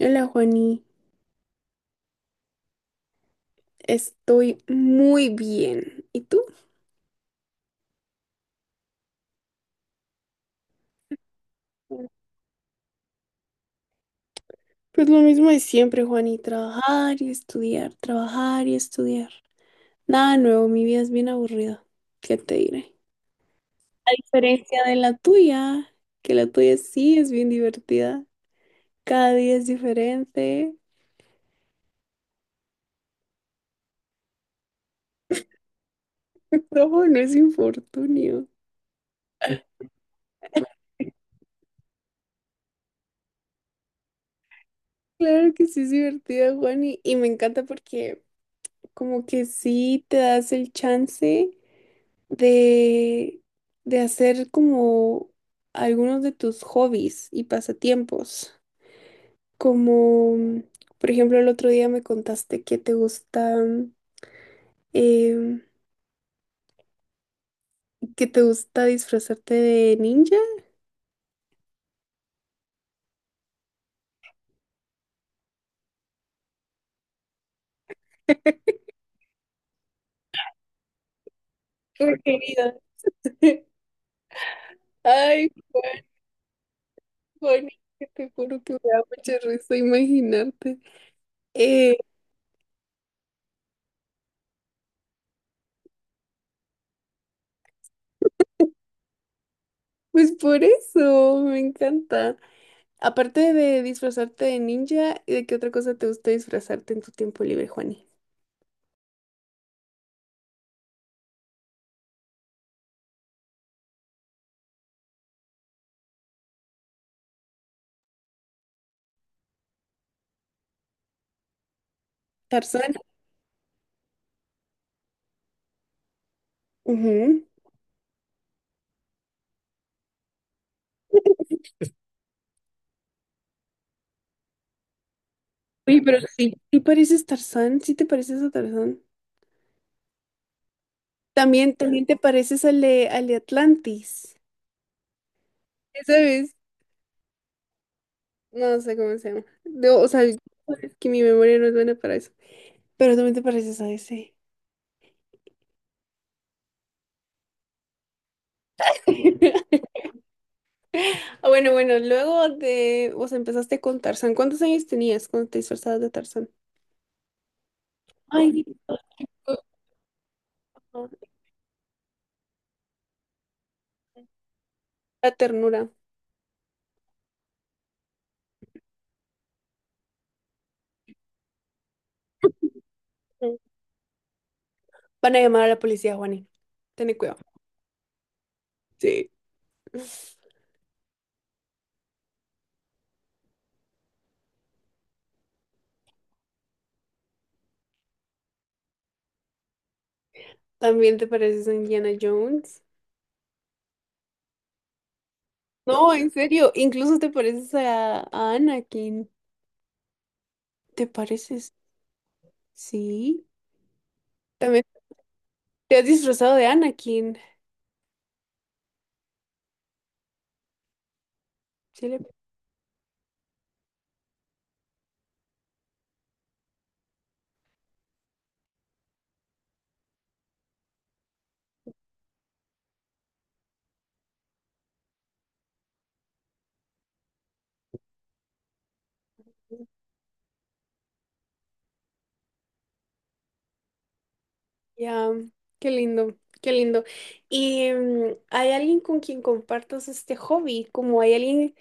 Hola, Juani. Estoy muy bien. ¿Y tú? Hola. Pues lo mismo de siempre, Juani. Trabajar y estudiar, trabajar y estudiar. Nada nuevo, mi vida es bien aburrida. ¿Qué te diré? A diferencia de la tuya, que la tuya sí es bien divertida. Cada día es diferente. No, no es infortunio. Claro que sí es divertida, Juani. Y me encanta porque como que sí te das el chance de, de hacer como algunos de tus hobbies y pasatiempos. Como, por ejemplo, el otro día me contaste que te gusta, em, que te gusta disfrazarte de ninja. Por querida. Ay, Juan, Juan, que te juro que me da mucha risa imaginarte. Eh, pues por eso, me encanta. Aparte de disfrazarte de ninja, ¿y de qué otra cosa te gusta disfrazarte en tu tiempo libre, Juani? Tarzán. Ujú. Oye, pero sí. ¿Sí pareces Tarzán? ¿Sí te pareces a Tarzán? También, también te pareces al de Atlantis. ¿Sabes? No sé cómo se llama. No, o sea, es que mi memoria no es buena para eso. Pero también te pareces a ese. Ah, bueno, bueno, luego de, o sea, empezaste con Tarzán. ¿Cuántos años tenías cuando te disfrazabas de Tarzán? Ay, la ternura. Van a llamar a la policía, Juani. Ten cuidado. Sí. También te pareces a Indiana Jones. No, en serio, incluso te pareces a Anakin. ¿Te pareces? Sí. También te has disfrazado de Anakin. Sí, le... Ya, qué lindo, qué lindo. ¿Y mm, hay alguien con quien compartas este hobby? Como hay alguien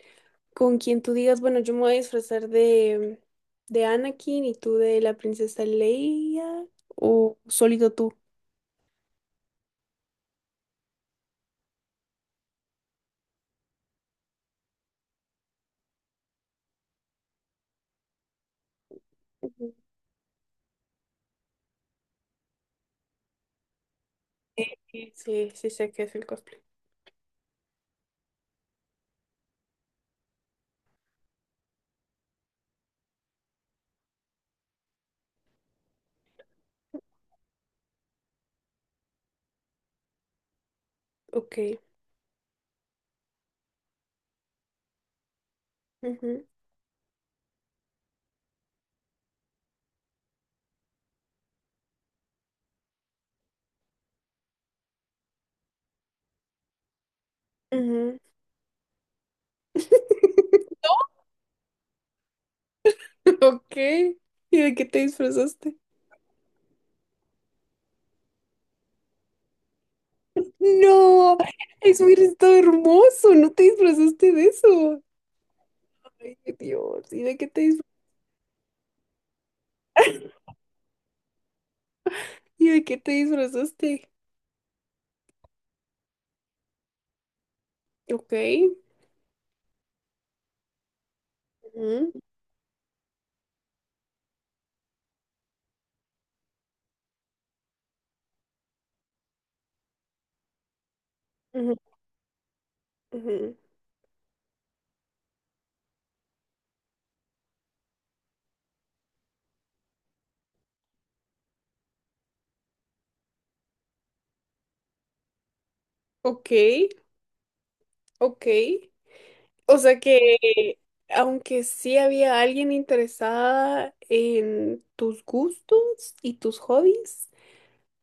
con quien tú digas, bueno, yo me voy a disfrazar de Anakin y tú de la princesa Leia, o solito tú. Ujú. Sí, sí, sí sé que es el cosplay. Ok. Ujú, ujú. Ok. ¿Y de qué te disfrazaste? No, es muy está hermoso. No te disfrazaste de eso. Ay, Dios. ¿Y de qué te disfra- ¿Y de qué te disfrazaste? Ok. Ujú, ujú, ujú. Ok, ok. O sea que, aunque sí había alguien interesada en tus gustos y tus hobbies,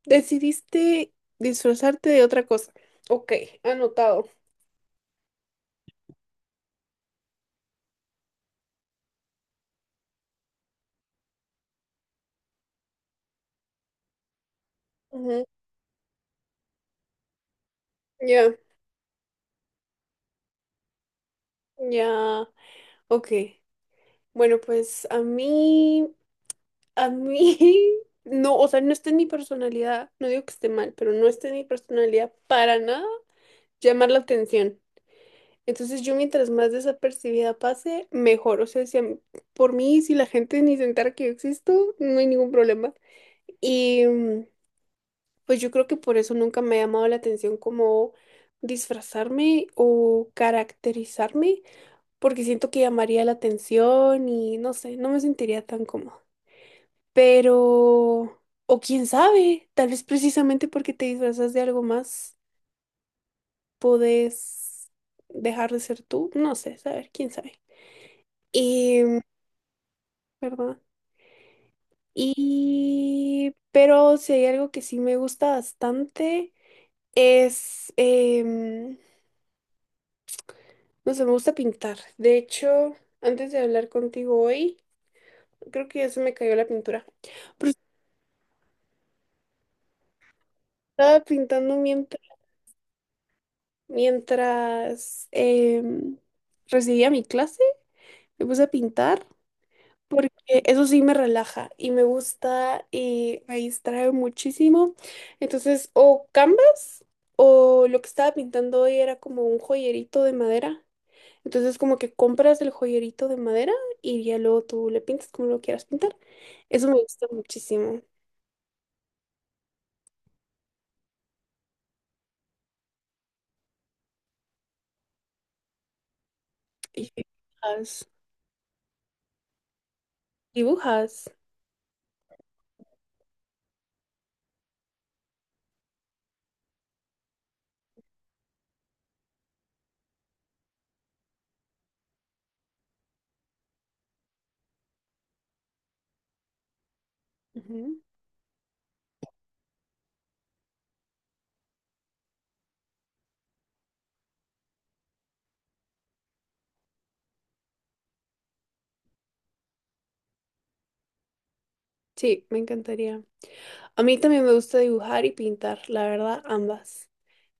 decidiste disfrazarte de otra cosa. Ok, anotado. Ujú, ya, ya. Ok, bueno, pues a mí, no, o sea, no está en mi personalidad, no digo que esté mal, pero no está en mi personalidad para nada llamar la atención. Entonces yo mientras más desapercibida pase, mejor. O sea, si a mí- por mí, si la gente ni se entera que yo existo, no hay ningún problema. Y mm, pues yo creo que por eso nunca me ha llamado la atención como disfrazarme o caracterizarme, porque siento que llamaría la atención y no sé, no me sentiría tan cómoda. Pero, o quién sabe, tal vez precisamente porque te disfrazas de algo más, podés dejar de ser tú, no sé, saber, quién sabe. Y, ¿verdad? Y, pero si hay algo que sí me gusta bastante, es, no sé, me gusta pintar. De hecho, antes de hablar contigo hoy, creo que ya se me cayó la pintura, pero estaba pintando mientras, mientras recibía mi clase. Me puse a pintar porque eso sí me relaja y me gusta y me distrae muchísimo. Entonces, o canvas o lo que estaba pintando hoy era como un joyerito de madera. Entonces, como que compras el joyerito de madera y ya luego tú le pintas como lo quieras pintar. Eso me gusta muchísimo. Y dibujas, dibujas. Ujú. Sí, me encantaría. A mí también me gusta dibujar y pintar, la verdad, ambas.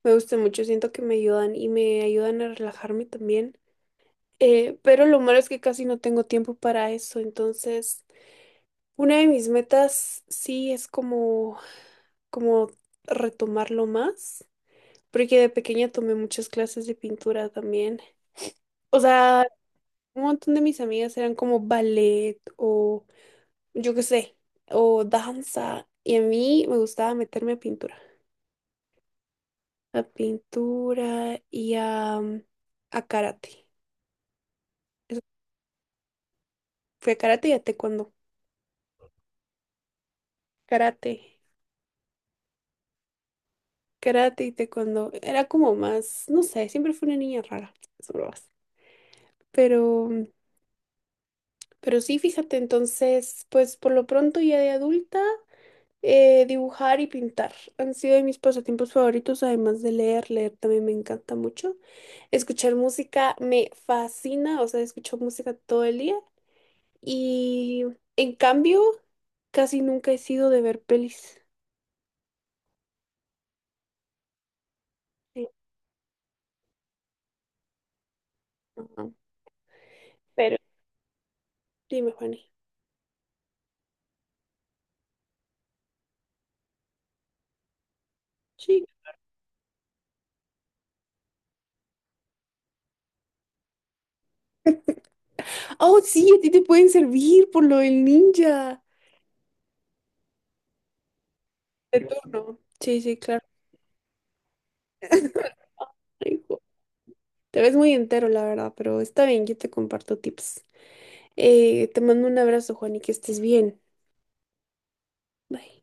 Me gusta mucho, siento que me ayudan y me ayudan a relajarme también. Pero lo malo es que casi no tengo tiempo para eso, entonces una de mis metas sí es como retomarlo más, porque de pequeña tomé muchas clases de pintura también. O sea, un montón de mis amigas eran como ballet o yo qué sé, o danza, y a mí me gustaba meterme a pintura y a, mm, a karate. Eso- fui a karate y a taekwondo. Karate, karate y taekwondo. Era como más, no sé, siempre fui una niña rara, eso lo hace. Pero mm, pero sí, fíjate, entonces, pues por lo pronto ya de adulta, dibujar y pintar han sido de mis pasatiempos favoritos, además de leer, leer también me encanta mucho. Escuchar música me fascina, o sea, escucho música todo el día y en cambio, casi nunca he sido de ver pelis. Eh, ajá. Pero dime, Juani. Sí. Oh, sí, a ti te pueden servir por lo del ninja. De turno. Sí, sí, claro. Te ves muy entero, la verdad, pero está bien, yo te comparto tips. Te mando un abrazo, Juan, y que estés bien. Bye.